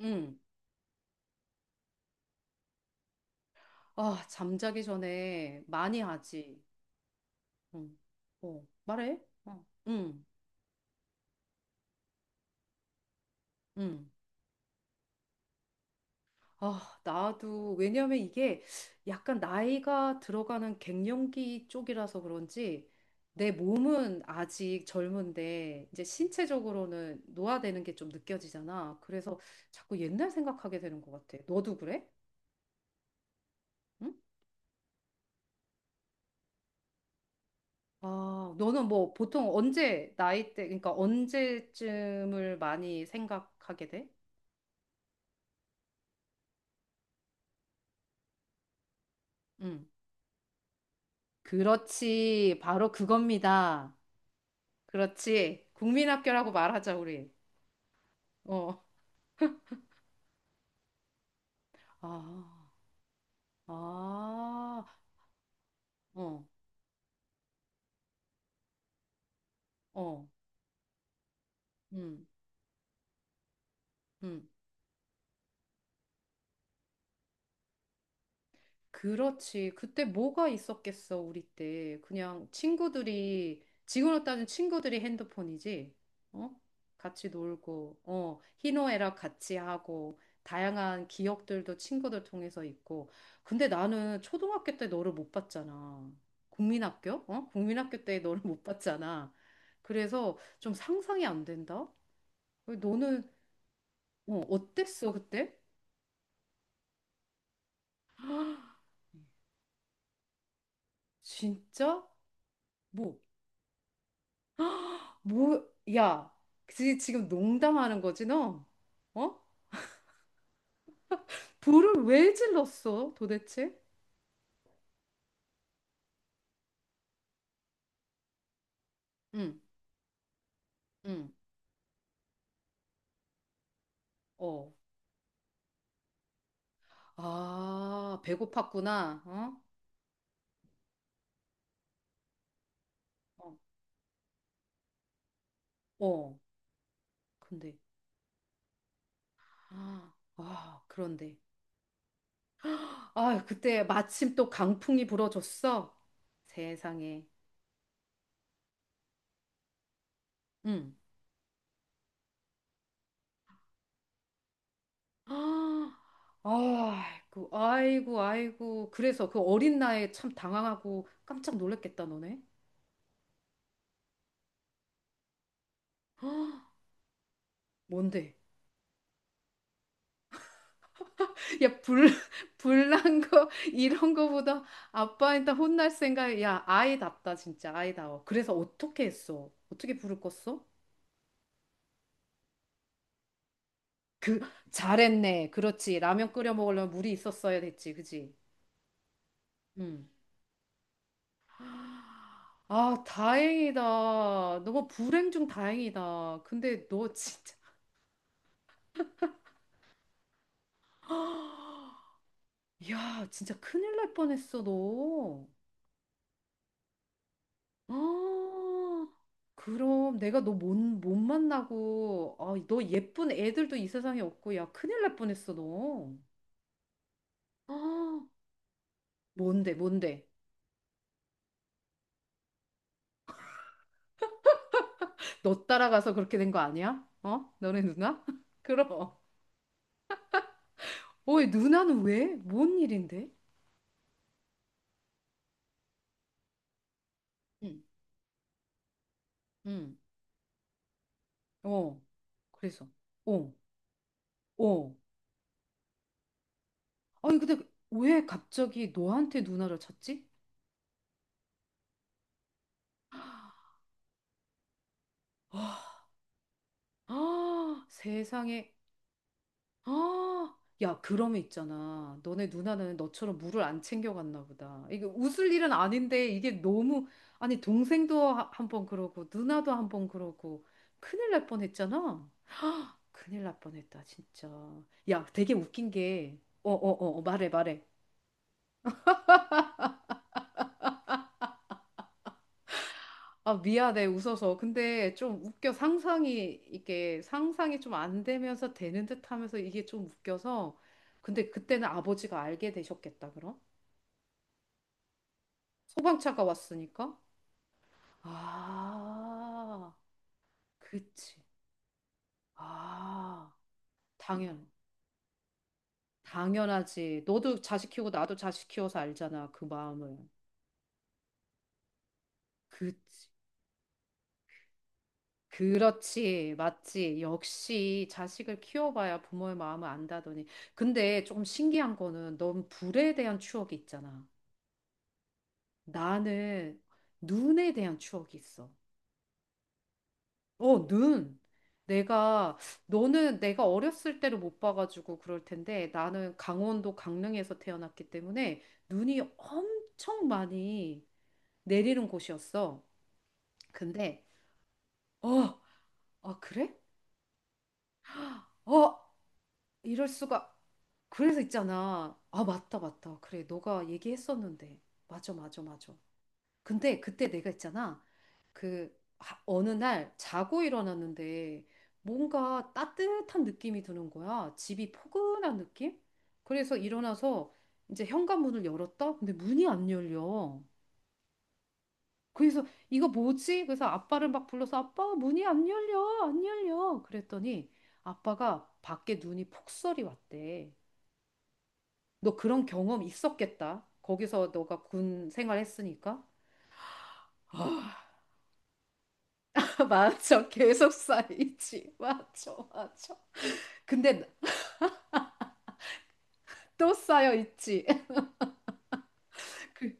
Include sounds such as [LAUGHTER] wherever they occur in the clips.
응. 아, 잠자기 전에 많이 하지. 응. 어, 말해? 어. 응. 응. 아, 나도 왜냐면 이게 약간 나이가 들어가는 갱년기 쪽이라서 그런지 내 몸은 아직 젊은데 이제 신체적으로는 노화되는 게 좀 느껴지잖아. 그래서 자꾸 옛날 생각하게 되는 것 같아. 너도 그래? 응? 아, 너는 뭐 보통 언제 나이 때, 그러니까 언제쯤을 많이 생각하게 돼? 응. 그렇지. 바로 그겁니다. 그렇지. 국민학교라고 말하자, 우리. 어. 아, 아, 어, 어, 음, 음. 그렇지. 그때 뭐가 있었겠어, 우리 때. 그냥 친구들이, 지금으로 따지면 친구들이 핸드폰이지. 어? 같이 놀고, 어, 희노애락 같이 하고, 다양한 기억들도 친구들 통해서 있고. 근데 나는 초등학교 때 너를 못 봤잖아. 국민학교? 어? 국민학교 때 너를 못 봤잖아. 그래서 좀 상상이 안 된다? 너는, 어, 어땠어, 그때? [GASPS] 진짜? 뭐? 뭐, 야, 지금 농담하는 거지, 너? 어? 불을 왜 질렀어, 도대체? 응, 응, 어. 아, 배고팠구나, 어? 어, 어. 근데, 아, 아, 그런데. 아, 그때 마침 또 강풍이 불어줬어. 세상에. 응. 아, 아이고, 아이고, 아이고. 그래서 그 어린 나이에 참 당황하고 깜짝 놀랐겠다, 너네. 아, 뭔데? 야, 불, [LAUGHS] 불난 거, 이런 거보다 아빠한테 혼날 생각, 야, 아이답다, 진짜, 아이다워. 그래서 어떻게 했어? 어떻게 불을 껐어? 잘했네. 그렇지. 라면 끓여 먹으려면 물이 있었어야 됐지, 그지? 응. 아, 다행이다. 너가 불행 중 다행이다. 근데 너 진짜, [GASPS] 야, 진짜 큰일 날 뻔했어, 너. 아, 그럼 내가 너 못 만나고, 아, 너 예쁜 애들도 이 세상에 없고, 야, 큰일 날 뻔했어, 너. 아, 뭔데, 뭔데? 너 따라가서 그렇게 된 거 아니야? 어? 너네 누나? [LAUGHS] 그럼. 어이, 누나는 왜? 뭔 일인데? 응, 응, 어. 그래서, 어, 어. 아니, 근데 왜 갑자기 너한테 누나를 찾지? 아, 세상에. 아, 야, 그러면 있잖아. 너네 누나는 너처럼 물을 안 챙겨갔나 보다. 이게 웃을 일은 아닌데 이게 너무 아니 동생도 한번 그러고 누나도 한 번 그러고 큰일 날 뻔했잖아. 큰일 날 뻔했다 진짜. 야, 되게 웃긴 게 어, 어, 어, 어, 말해, 말해. 아, 미안해, 웃어서. 근데 좀 웃겨. 상상이, 이게 상상이 좀 안 되면서 되는 듯 하면서 이게 좀 웃겨서. 근데 그때는 아버지가 알게 되셨겠다, 그럼? 소방차가 왔으니까? 아, 그치. 아, 당연, 당연하지. 너도 자식 키우고 나도 자식 키워서 알잖아, 그 마음을. 그치. 그렇지, 맞지. 역시 자식을 키워봐야 부모의 마음을 안다더니. 근데 조금 신기한 거는 넌 불에 대한 추억이 있잖아. 나는 눈에 대한 추억이 있어. 어, 눈. 내가, 너는 내가 어렸을 때를 못 봐가지고 그럴 텐데 나는 강원도 강릉에서 태어났기 때문에 눈이 엄청 많이 내리는 곳이었어. 근데, 어, 아, 그래? 어, 이럴 수가. 그래서 있잖아. 아, 맞다, 맞다. 그래, 너가 얘기했었는데. 맞아, 맞아, 맞아. 근데 그때 내가 있잖아. 그 어느 날 자고 일어났는데 뭔가 따뜻한 느낌이 드는 거야. 집이 포근한 느낌? 그래서 일어나서 이제 현관문을 열었다? 근데 문이 안 열려. 그래서 이거 뭐지? 그래서 아빠를 막 불러서 아빠 문이 안 열려. 안 열려. 그랬더니 아빠가 밖에 눈이 폭설이 왔대. 너 그런 경험 있었겠다. 거기서 너가 군 생활했으니까. [GASPS] [LAUGHS] 맞아. 계속 쌓이지. 맞아. 맞아. 근데 또 쌓여 있지. [LAUGHS] 그-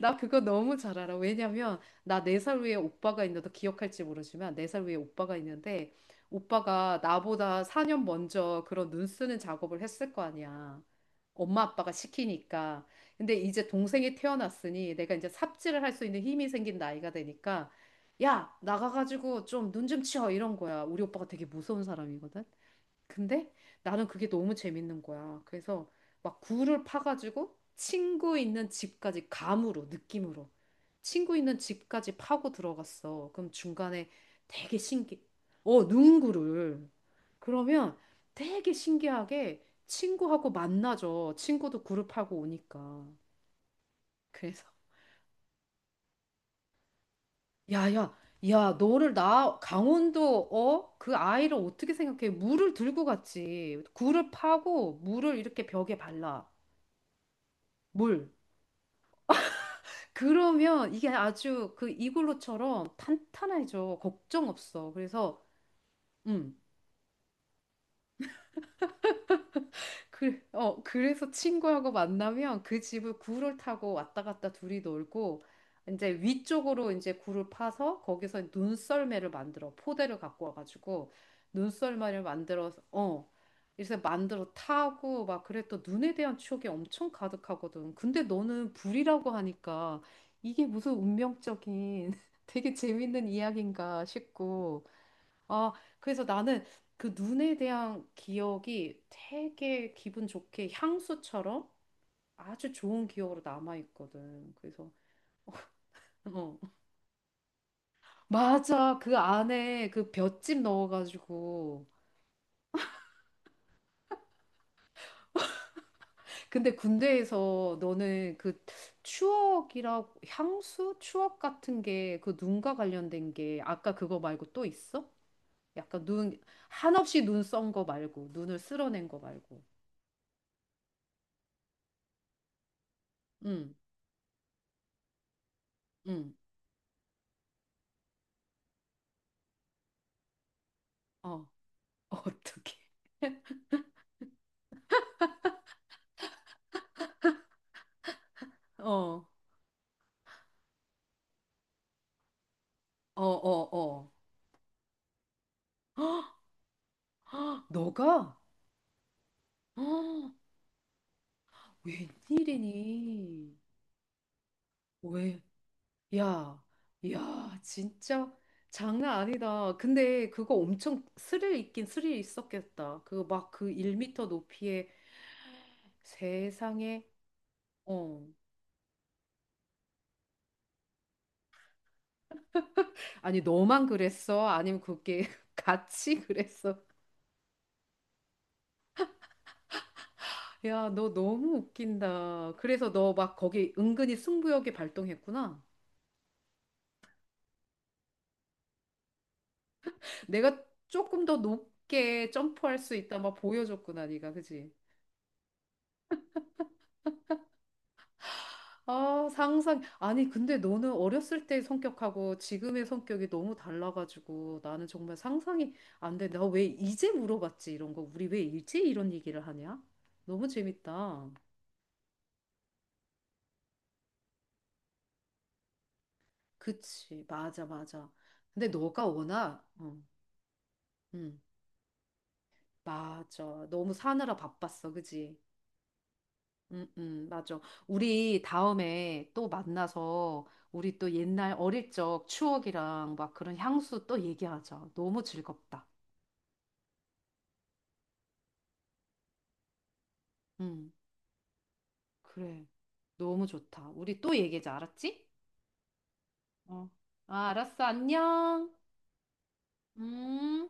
나 그거 너무 잘 알아. 왜냐면 나 네 살 위에 오빠가 있는데 너 기억할지 모르지만 네 살 위에 오빠가 있는데 오빠가 나보다 4년 먼저 그런 눈 쓰는 작업을 했을 거 아니야. 엄마 아빠가 시키니까. 근데 이제 동생이 태어났으니 내가 이제 삽질을 할 수 있는 힘이 생긴 나이가 되니까 야, 나가가지고 좀 눈 좀 치워 이런 거야. 우리 오빠가 되게 무서운 사람이거든. 근데 나는 그게 너무 재밌는 거야. 그래서 막 굴을 파가지고 친구 있는 집까지 감으로, 느낌으로. 친구 있는 집까지 파고 들어갔어. 그럼 중간에 되게 신기, 어, 누군가를. 그러면 되게 신기하게 친구하고 만나죠. 친구도 굴을 파고 오니까. 그래서, 야, 야, 야, 너를 나 강원도, 어? 그 아이를 어떻게 생각해? 물을 들고 갔지. 굴을 파고 물을 이렇게 벽에 발라. 물. 그러면 이게 아주 그 이글루처럼 탄탄해져. 걱정 없어. 그래서, 음, 그, 어, 그래서 친구하고 만나면 그 집을 구를 타고 왔다 갔다 둘이 놀고 이제 위쪽으로 이제 구를 파서 거기서 눈썰매를 만들어 포대를 갖고 와가지고 눈썰매를 만들어서 어 그래서 만들어 타고 막 그래 또 눈에 대한 추억이 엄청 가득하거든. 근데 너는 불이라고 하니까 이게 무슨 운명적인 [LAUGHS] 되게 재밌는 이야기인가 싶고 아, 그래서 나는 그 눈에 대한 기억이 되게 기분 좋게 향수처럼 아주 좋은 기억으로 남아있거든. 그래서, 어. 맞아. 그 안에 그 볏짚 넣어가지고. 근데 군대에서 너는 그 추억이라고, 향수? 추억 같은 게 그 눈과 관련된 게 아까 그거 말고 또 있어? 약간 눈, 한없이 눈 썬 거 말고, 눈을 쓸어낸 거 말고. 응, 응. 어, [LAUGHS] 어떻게. 어. 어, 어, 어. [GASPS] 헉, 헉, 너가? [GASPS] 헉, 웬일이니? 왜? 야, 야, 진짜 장난 아니다. 근데 그거 엄청 스릴 있긴 스릴 있었겠다. 그거 막 그 1미터 높이에 [GASPS] 세상에, 어. 아니, 너만 그랬어? 아니면 그게 [LAUGHS] 같이 그랬어? 야, 너 너무 웃긴다. 그래서 너 막 거기 은근히 승부욕이 발동했구나. 내가 조금 더 높게 점프할 수 있다 막 보여줬구나 네가 그지? 아 상상 아니 근데 너는 어렸을 때 성격하고 지금의 성격이 너무 달라가지고 나는 정말 상상이 안 돼. 나 왜 이제 물어봤지 이런 거 우리 왜 일제 이런 얘기를 하냐? 너무 재밌다. 그치 맞아 맞아. 근데 너가 워낙 응, 응 맞아 너무 사느라 바빴어 그지? 맞아. 우리 다음에 또 만나서 우리 또 옛날 어릴 적 추억이랑 막 그런 향수 또 얘기하자. 너무 즐겁다. 음, 그래. 너무 좋다. 우리 또 얘기하자. 알았지? 어. 아, 알았어. 안녕. 음.